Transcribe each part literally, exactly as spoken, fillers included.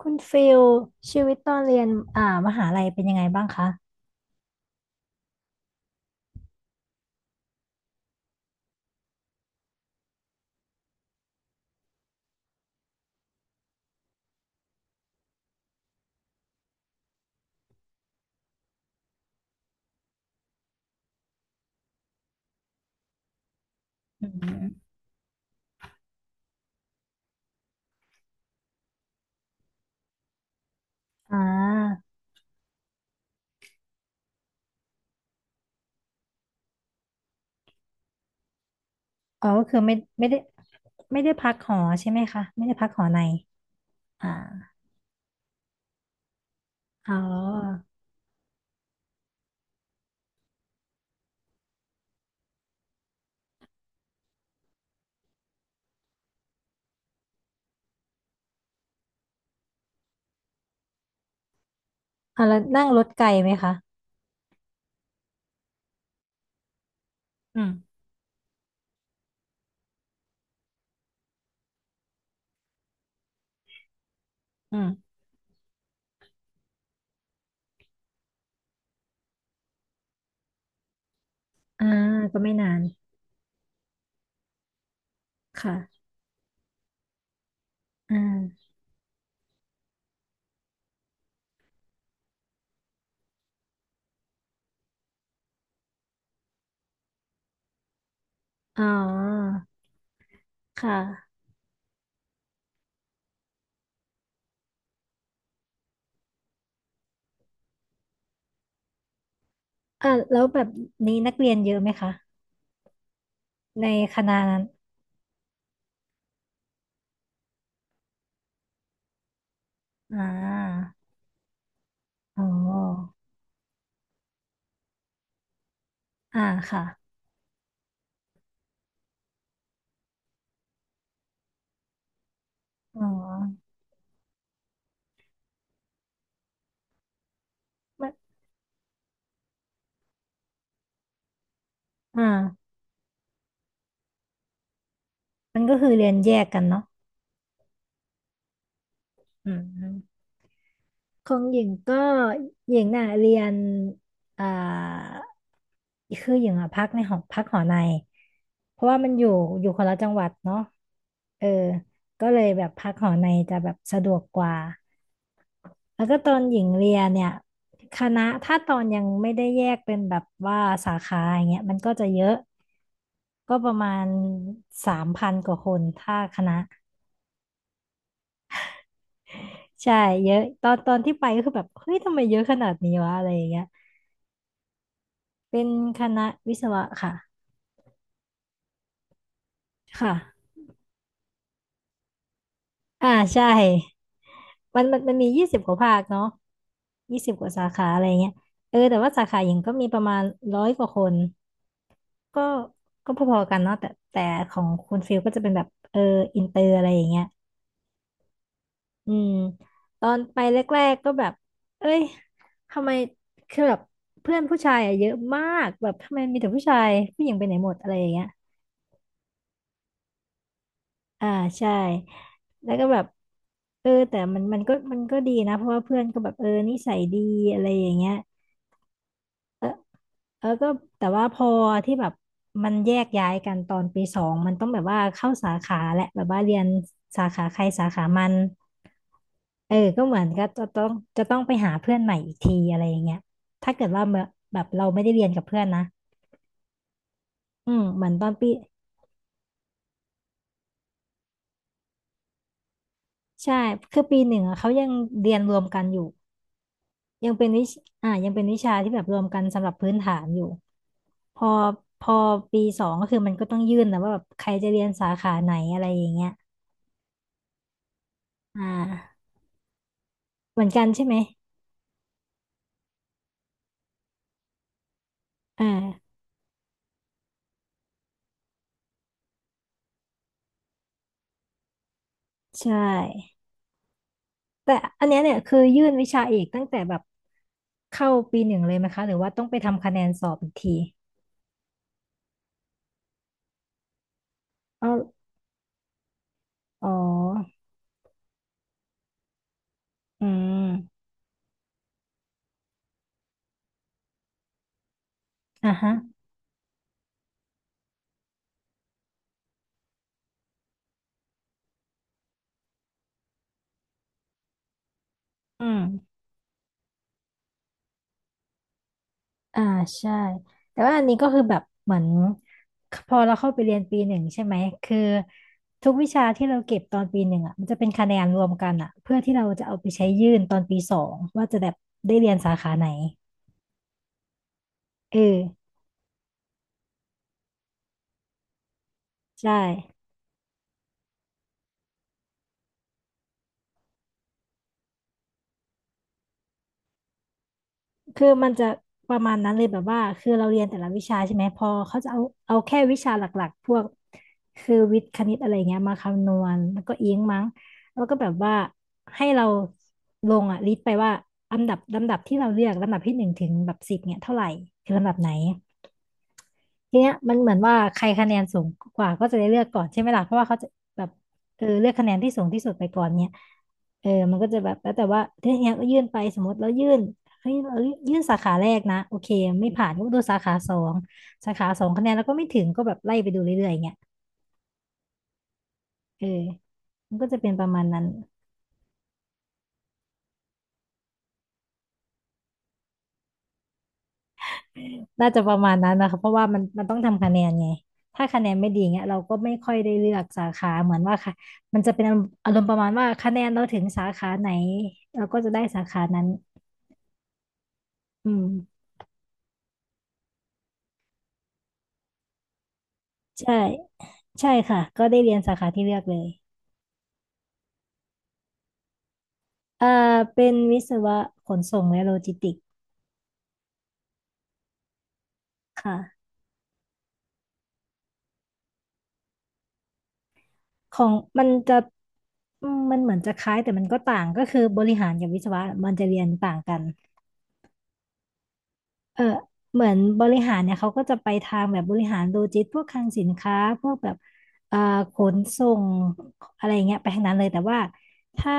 คุณฟิลชีวิตตอนเรียนอ่ามหาลัยเป็นยังไงบ้างคะอืมอ่าอ๋อก็คือไม่ไม่ได้ไม่ได้พักหอใช่ไหมคะไม่ได้พักหอในอ่าอ๋ออ่าแล้วนั่งรถไกลไหมคะอืมอืมอ่าก็ไม่นานค่ะอ่าอ๋อค่ะอ่าแล้วแบบนี้นักเรียนเยอะไหมคะในคณะนั้นอ่าอ๋ออ่าค่ะอ๋อมันอ่ามันก็คือเรียนแยกกันเนาะอืม ของหญิงก็หญิงน่ะเรียนอ่าคือหญิงอ่ะพักในหอพักหอในเพราะว่ามันอยู่อยู่คนละจังหวัดเนาะเออก็เลยแบบพักหอในจะแบบสะดวกกว่าแล้วก็ตอนหญิงเรียนเนี่ยคณะถ้าตอนยังไม่ได้แยกเป็นแบบว่าสาขาอย่างเงี้ยมันก็จะเยอะก็ประมาณสามพันกว่าคนถ้าคณะใช่เยอะตอนตอนที่ไปก็คือแบบเฮ้ยทำไมเยอะขนาดนี้วะอะไรอย่างเงี้ย เป็นคณะวิศวะค่ะค่ะอ่าใช่มันมันมันมียี่สิบกว่าภาคเนาะยี่สิบกว่าสาขาอะไรเงี้ยเออแต่ว่าสาขาหญิงก็มีประมาณร้อยกว่าคนก็ก็พอๆกันเนาะแต่แต่ของคุณฟิลก็จะเป็นแบบเอออินเตอร์อะไรอย่างเงี้ยอืมตอนไปแรกๆก็แบบเอ้ยทำไมคือแบบเพื่อนผู้ชายอะเยอะมากแบบทำไมมีแต่ผู้ชายผู้หญิงไปไหนหมดอะไรอย่างเงี้ย อ่าใช่แล้วก็แบบเออแต่มันมันก็มันก็ดีนะเพราะว่าเพื่อนก็แบบเออนิสัยดีอะไรอย่างเงี้ยเออก็แต่ว่าพอที่แบบมันแยกย้ายกันตอนปีสองมันต้องแบบว่าเข้าสาขาแหละแบบว่าเรียนสาขาใครสาขามันเออก็เหมือนก็จะต้องจะต้องไปหาเพื่อนใหม่อีกทีอะไรอย่างเงี้ยถ้าเกิดว่าเแบบเราไม่ได้เรียนกับเพื่อนนะอืมเหมือนตอนปีใช่คือปีหนึ่งอะเขายังเรียนรวมกันอยู่ ยังเป็นวิชอ่ายังเป็นวิชาที่แบบรวมกันสำหรับพื้นฐานอยู่ พอ พอปีสองก็คือมันก็ต้องยื่นนะว่าแบบใครจะเรียนสาขาไหนอะไรอย่างเงี้ยอ่าเหมือนกันใช่ไหมอ่าใช่ แต่อันเนี้ยเนี่ยคือยื่นวิชาเอกตั้งแต่แบบเข้าปีหนึ่งเลยไหมคะหรือว่าต้องไปทำคะแนนสอบอีกทีอ๋ออ๋ออืมอ่ะฮะอืม อ่าใช่แต่ว่าอันนี้ก็คือแบบเหมือนพอเราเข้าไปเรียนปีหนึ่งใช่ไหมคือทุกวิชาที่เราเก็บตอนปีหนึ่งอ่ะมันจะเป็นคะแนนรวมกันอ่ะเพื่อที่เราจะเอาไปใช้ยื่นตอนปีสองว่าจะแบบได้เรียนสาขาไหนเออใช่ คือมันจะประมาณนั้นเลยแบบว่าคือเราเรียนแต่ละวิชาใช่ไหมพอเขาจะเอาเอาแค่วิชาหลักๆพวกคือวิทย์คณิตอะไรเงี้ยมาคำนวณแล้วก็อิงมั้งแล้วก็แบบว่าให้เราลงอ่ะลิสต์ไปว่าลำดับลำดับที่เราเลือกลำดับที่หนึ่งถึงแบบสิบเนี่ยเท่าไหร่คือลำดับไหน ทีเนี้ยมันเหมือนว่าใครคะแนนสูงกว่าก็จะได้เลือกก่อนใช่ไหมล่ะเพราะว่าเขาจะแบบเออเลือกคะแนนที่สูงที่สุดไปก่อนเนี่ยเออมันก็จะแบบแล้วแต่ว่าทีเนี้ยก็ยื่นไปสมมติแล้วยื่นเฮ้ยเรายื่นสาขาแรกนะโอเคไม่ผ่านก็ดูสาขาสองสาขาสองคะแนนแล้วก็ไม่ถึงก็แบบไล่ไปดูเรื่อยๆเงี้ยเออมันก็จะเป็นประมาณนั้น น่าจะประมาณนั้นนะคะเพราะว่ามันมันต้องทำคะแนนไงถ้าคะแนนไม่ดีเงี้ยเราก็ไม่ค่อยได้เลือกสาขาเหมือนว่าค่ะมันจะเป็นอารมณ์อารมณ์ประมาณว่าคะแนนเราถึงสาขาไหนเราก็จะได้สาขานั้นอืมใช่ใช่ค่ะก็ได้เรียนสาขาที่เลือกเลยเอ่อเป็นวิศวะขนส่งและโลจิสติกส์ค่ะของมันจะอืมมันเหมือนจะคล้ายแต่มันก็ต่างก็คือบริหารกับวิศวะมันจะเรียนต่างกัน เออเหมือนบริหารเนี่ยเขาก็จะไปทางแบบบริหารโลจิสติกส์พวกคลังสินค้าพวกแบบเอ่อขนส่งอะไรเงี้ยไปทางนั้นเลยแต่ว่าถ้า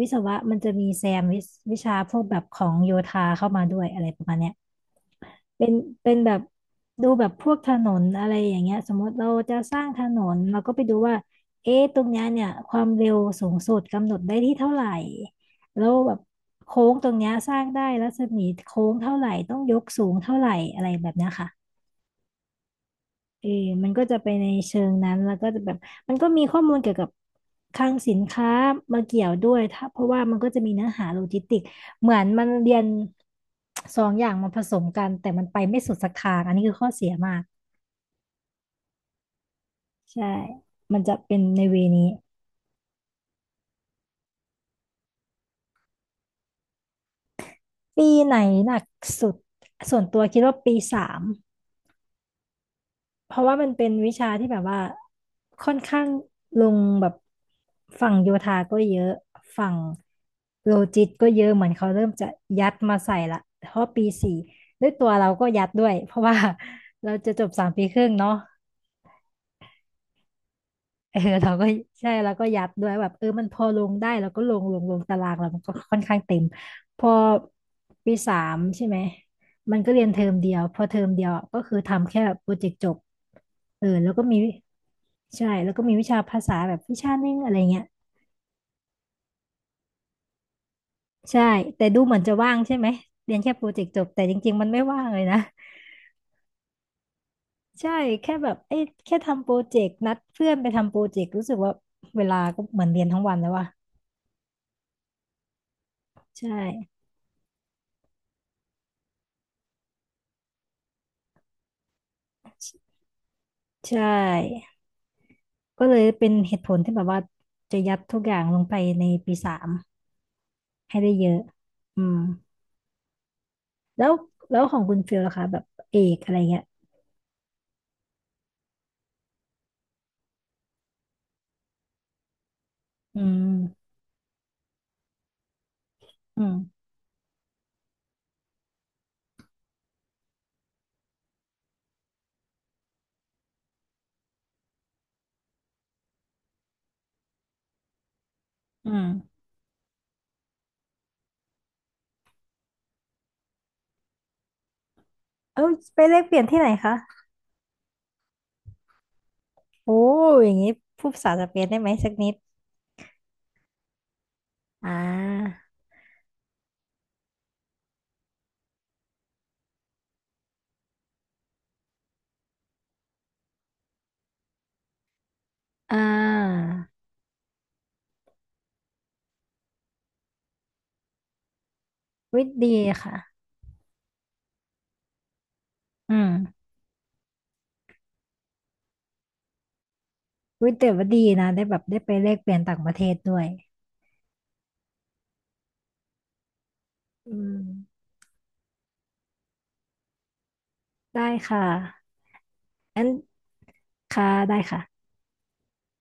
วิศวะมันจะมีแซมวิชวิชาพวกแบบของโยธาเข้ามาด้วยอะไรประมาณเนี้ย เป็นเป็นแบบดูแบบพวกถนนอะไรอย่างเงี้ยสมมติเราจะสร้างถนนเราก็ไปดูว่าเอ๊ะตรงเนี้ยเนี่ยความเร็วสูงสุดกำหนดได้ที่เท่าไหร่แล้วแบบโค้งตรงเนี้ยสร้างได้รัศมีโค้งเท่าไหร่ต้องยกสูงเท่าไหร่อะไรแบบเนี้ยค่ะ เออมันก็จะไปในเชิงนั้นแล้วก็จะแบบ มันก็มีข้อมูลเกี่ยวกับคลังสินค้ามาเกี่ยวด้วยถ้าเพราะว่ามันก็จะมีเนื้อหาโลจิสติกเหมือนมันเรียนสองอย่างมาผสมกันแต่มันไปไม่สุดสักทางอันนี้คือข้อเสียมากใช่ มันจะเป็นในเวนี้ปีไหนหนักสุดส่วนตัวคิดว่าปีสาม เพราะว่ามันเป็นวิชาที่แบบว่าค่อนข้างลงแบบฝั่งโยธาก็เยอะฝั่งโลจิสก็เยอะเหมือนเขาเริ่มจะยัดมาใส่ละเพราะปีสี่ด้วยตัวเราก็ยัดด้วยเพราะว่า เราจะจบสามปีครึ่งเนาะ เออ เราก็ใช่แล้วก็ยัดด้วยแบบเออมันพอลงได้แล้วก็ลงลงลงตารางเรามันก็ค่อนข้างเต็มพอปีสามใช่ไหมมันก็เรียนเทอมเดียวพอเทอมเดียวก็คือทำแค่โปรเจกต์จบเออแล้วก็มีใช่แล้วก็มีวิชาภาษาแบบวิชานึงอะไรเงี้ยใช่แต่ดูเหมือนจะว่างใช่ไหมเรียนแค่โปรเจกต์จบแต่จริงๆมันไม่ว่างเลยนะ ใช่แค่แบบเอ้ยแค่ทำโปรเจกต์นัดเพื่อนไปทำโปรเจกต์รู้สึกว่าเวลาก็เหมือนเรียนทั้งวันแล้วว่ะใช่ใช่ ก็เลยเป็นเหตุผลที่แบบว่าจะยัดทุกอย่างลงไปในปีสามให้ได้เยอะอืมแล้วแล้วของคุณฟิลล่ะคะแบบเอกอะไรเงี้ยอืมอืมอืมเอาไปแลกเปลี่ยนที่ไหนคะโอ้อย่างนี้พูดภาษาสเปนได้ไหมสักนิดอ่าอ่าวิดีค่ะอืมวิแต่ว่าดีนะได้แบบได้ไปแลกเปลี่ยนต่างประเทศด้วยอืมได้ค่ะงั้นค่ะได้ค่ะ